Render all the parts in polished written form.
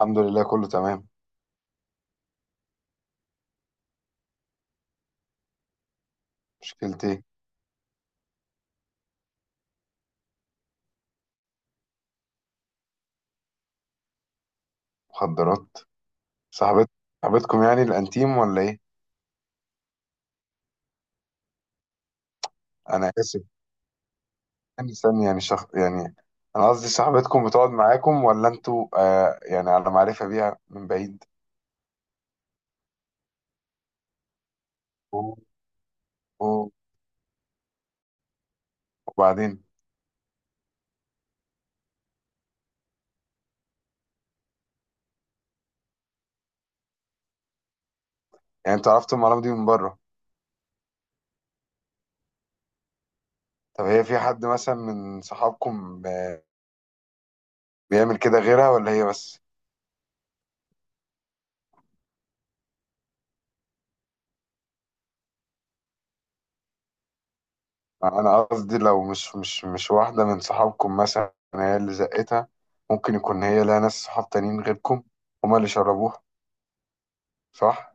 الحمد لله، كله تمام. مشكلتي؟ مخدرات؟ صاحبت صاحبتكم يعني الانتيم ولا ايه؟ انا اسف، يعني استني، يعني يعني انا قصدي صاحبتكم بتقعد معاكم ولا انتوا يعني على معرفة بيها من بعيد؟ و- و- وبعدين؟ يعني انتوا عرفتوا المعلومة دي من بره؟ طب هي في حد مثلا من صحابكم بيعمل كده غيرها ولا هي بس؟ انا قصدي لو مش واحدة من صحابكم مثلا هي اللي زقتها، ممكن يكون هي لها ناس صحاب تانيين غيركم هما اللي شربوها. صح.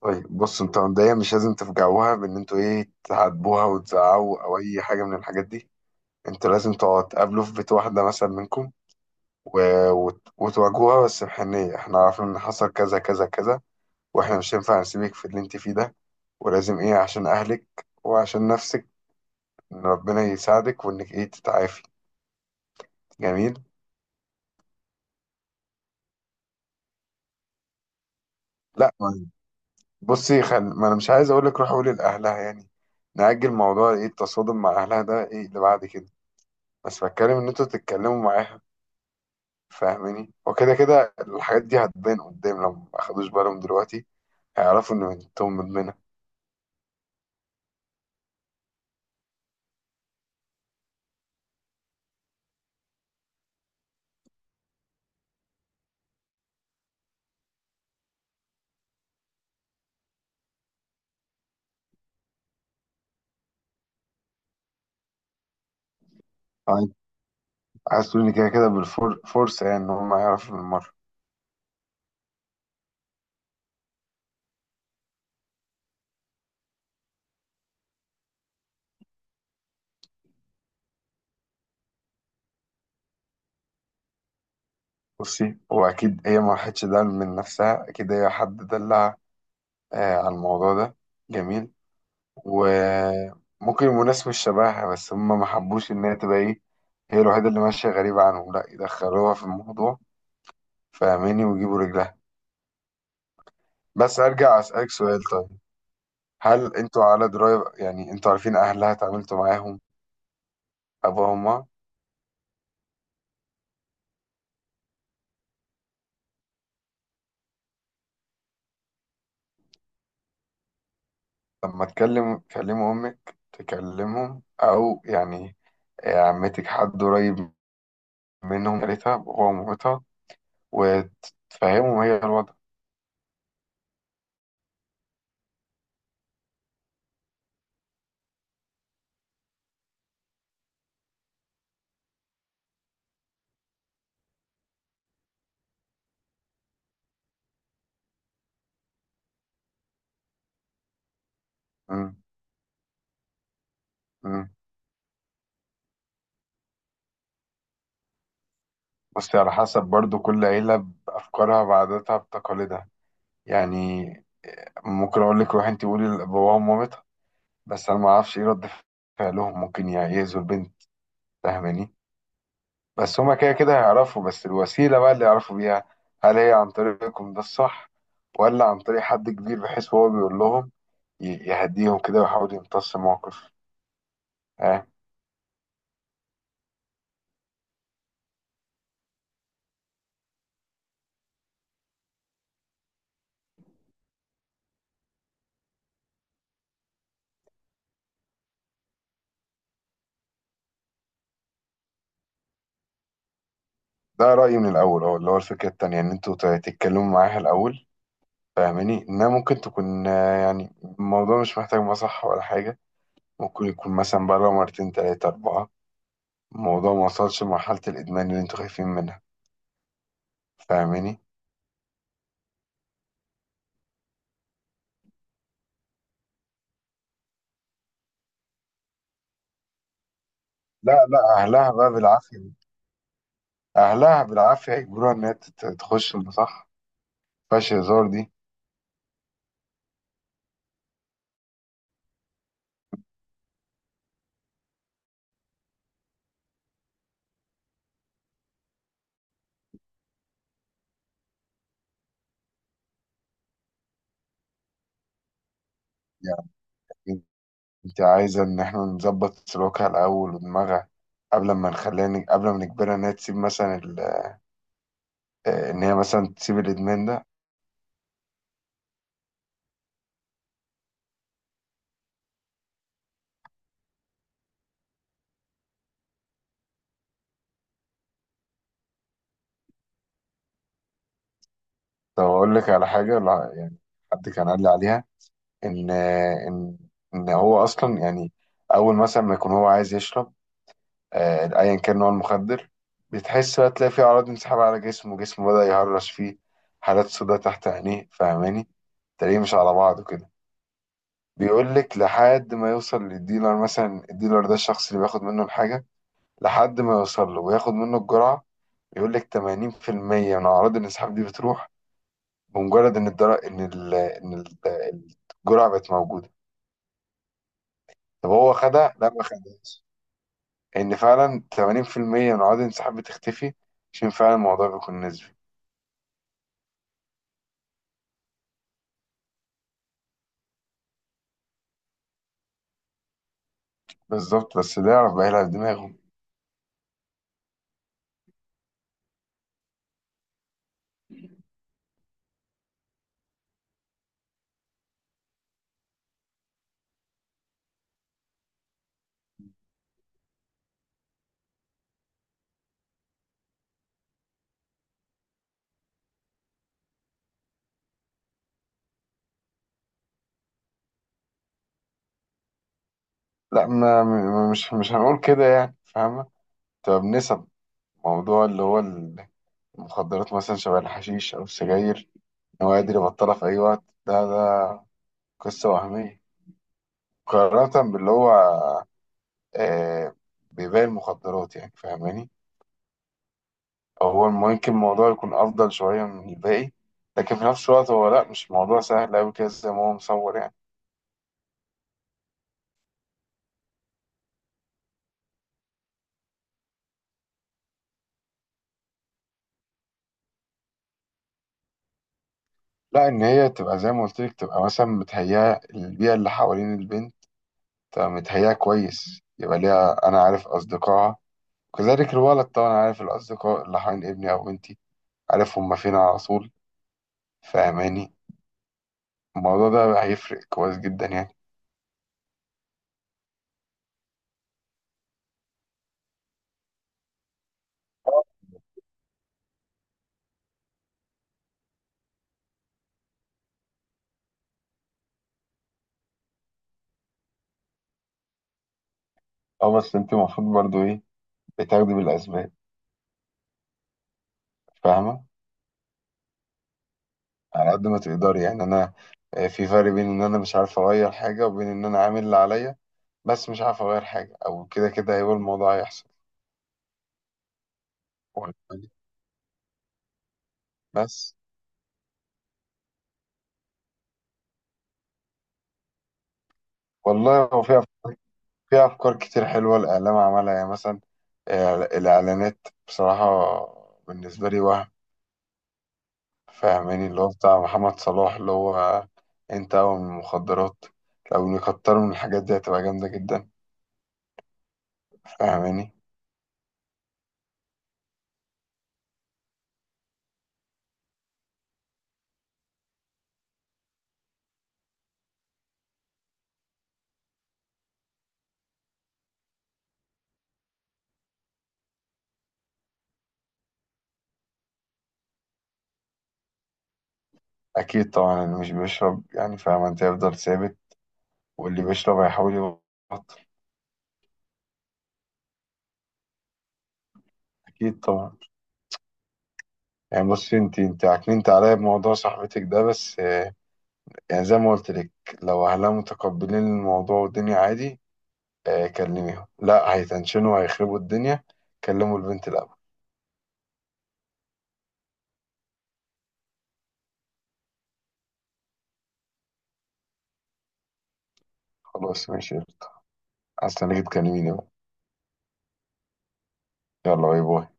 طيب بص، انت مبدئيا مش لازم تفجعوها بان انتوا ايه تعاتبوها وتزعقوا او اي حاجه من الحاجات دي. انتوا لازم تقعدوا تقابلوا في بيت واحده مثلا منكم و... وتواجهوها بس بحنيه، احنا عارفين ان حصل كذا كذا كذا، واحنا مش هينفع نسيبك في اللي انت فيه ده، ولازم ايه عشان اهلك وعشان نفسك ان ربنا يساعدك وانك ايه تتعافي. جميل. لا، بصي ما انا مش عايز اقول لك روح قولي لاهلها، يعني نأجل موضوع ايه التصادم مع اهلها ده، ايه اللي بعد كده، بس بتكلم ان انتوا تتكلموا معاها، فاهماني؟ وكده كده الحاجات دي هتبان قدام، لو ما اخدوش بالهم دلوقتي هيعرفوا ان بنتهم مدمنه. عايز عايز تقولي كده كده بالفرصه، يعني ان هم يعرفوا بالمره. بصي، هو اكيد هي ما راحتش ده من نفسها، اكيد هي حد دلع على الموضوع ده. جميل. وممكن يبقوا ناس مش شبهها، بس هم ما حبوش ان هي تبقى ايه، هي الوحيده اللي ماشيه غريبه عنهم، لا يدخلوها في الموضوع، فاهماني، ويجيبوا رجلها. بس ارجع اسالك سؤال طيب، هل انتوا على دراية، يعني انتوا عارفين اهلها، اتعاملتوا معاهم، ابوها وامها؟ لما تكلموا امك تكلمهم او يعني عمتك، حد قريب منهم، قالتها باباها ومامتها وتفهمهم هي الوضع. مم. مم. بس على حسب، برضو كل عيلة بأفكارها بعاداتها بتقاليدها. يعني ممكن أقول لك روحي أنت قولي لباباها ومامتها، بس أنا ما أعرفش إيه رد فعلهم، ممكن يعيزوا البنت، فاهماني؟ بس هما كده كده هيعرفوا، بس الوسيلة بقى اللي يعرفوا بيها، هل هي عن طريقكم ده الصح، ولا عن طريق حد كبير بحيث هو بيقول لهم يهديهم كده ويحاول يمتص الموقف؟ ها. ده رأيي من الأول، أهو اللي هو الفكرة التانية، إن أنتوا تتكلموا معاها الأول، فاهماني؟ إنها ممكن تكون يعني الموضوع مش محتاج مصح ولا حاجة، ممكن يكون مثلا بره مرتين تلاتة أربعة، الموضوع ما وصلش لمرحلة الإدمان اللي أنتوا خايفين منها، فاهماني؟ لا لا، أهلها بقى بالعافية. اهلها بالعافيه يجبروها ان هي تخش، ده صح، فيهاش هزار دي. يعني انت عايزه ان احنا نظبط سلوكها الاول ودماغها قبل ما نخليها قبل ما نجبرها ان هي تسيب مثلا ال... آه، ان هي مثلا تسيب الادمان ده. طب اقول لك على حاجه، لا يعني حد كان قال لي عليها ان آه، ان ان هو اصلا، يعني اول مثلا ما يكون هو عايز يشرب، ايا كان نوع المخدر، بتحس بقى تلاقي فيه اعراض انسحاب على جسمه. جسمه بدأ يهرش فيه، حالات سوداء تحت عينيه، فاهماني، تلاقيه مش على بعضه كده. بيقول لك لحد ما يوصل للديلر، مثلا الديلر ده الشخص اللي بياخد منه الحاجة، لحد ما يوصل له وياخد منه الجرعة، يقول لك 80% من اعراض الانسحاب دي بتروح بمجرد ان الدرق ان ال ان ال- الجرعة بقت موجودة. طب هو خدها لا ما خدهاش ان فعلا 80% من اعراض الانسحاب بتختفي؟ عشان فعلا الموضوع بيكون نسبي. بالظبط، بس ده يعرف بقى يلعب دماغه. لا، ما م- مش مش هنقول كده، يعني فاهمة، تبقى بنسب موضوع اللي هو المخدرات مثلا شبه الحشيش أو السجاير، إن هو قادر يبطلها في أي وقت، ده قصة وهمية مقارنة باللي هو آه بيبيع المخدرات، يعني فاهماني؟ أو هو ممكن الموضوع يكون أفضل شوية من الباقي، لكن في نفس الوقت هو لا، مش موضوع سهل أوي كده زي ما هو مصور، يعني لا إن هي تبقى زي ما قلت لك، تبقى مثلا متهيئة البيئة اللي حوالين البنت. طب متهيأ كويس يبقى ليها، أنا عارف أصدقائها، كذلك الولد طبعا عارف الأصدقاء اللي حوالين ابني أو بنتي، عارف هما فين على طول، فاهماني، الموضوع ده هيفرق كويس جدا، يعني. اه، بس انت المفروض برضو ايه، بتاخدي بالأسباب، فاهمة؟ على قد ما تقدري، يعني أنا في فرق بين إن أنا مش عارف أغير حاجة وبين إن أنا عامل اللي عليا بس مش عارف أغير حاجة، أو كده كده هيبقى الموضوع هيحصل. واخد بالك؟ بس والله هو في أفكار كتير حلوة الإعلام عملها، يعني مثلا الإعلانات بصراحة بالنسبة لي وهم، فاهماني، اللي هو بتاع محمد صلاح، اللي هو أنت أول من المخدرات، لو يكتروا من الحاجات دي هتبقى جامدة جدا، فاهماني؟ أكيد طبعا اللي مش بيشرب يعني فاهم أنت هيفضل ثابت، واللي بيشرب هيحاول يبطل. أكيد طبعا. يعني بصي، أنت عكننت عليا بموضوع صاحبتك ده، بس يعني زي ما قلت لك، لو أهلها متقبلين الموضوع والدنيا عادي، كلميهم، لا هيتنشنوا هيخربوا الدنيا، كلموا البنت الأول. خلاص ماشي. هستناكي تكلميني بقى. يلا باي باي.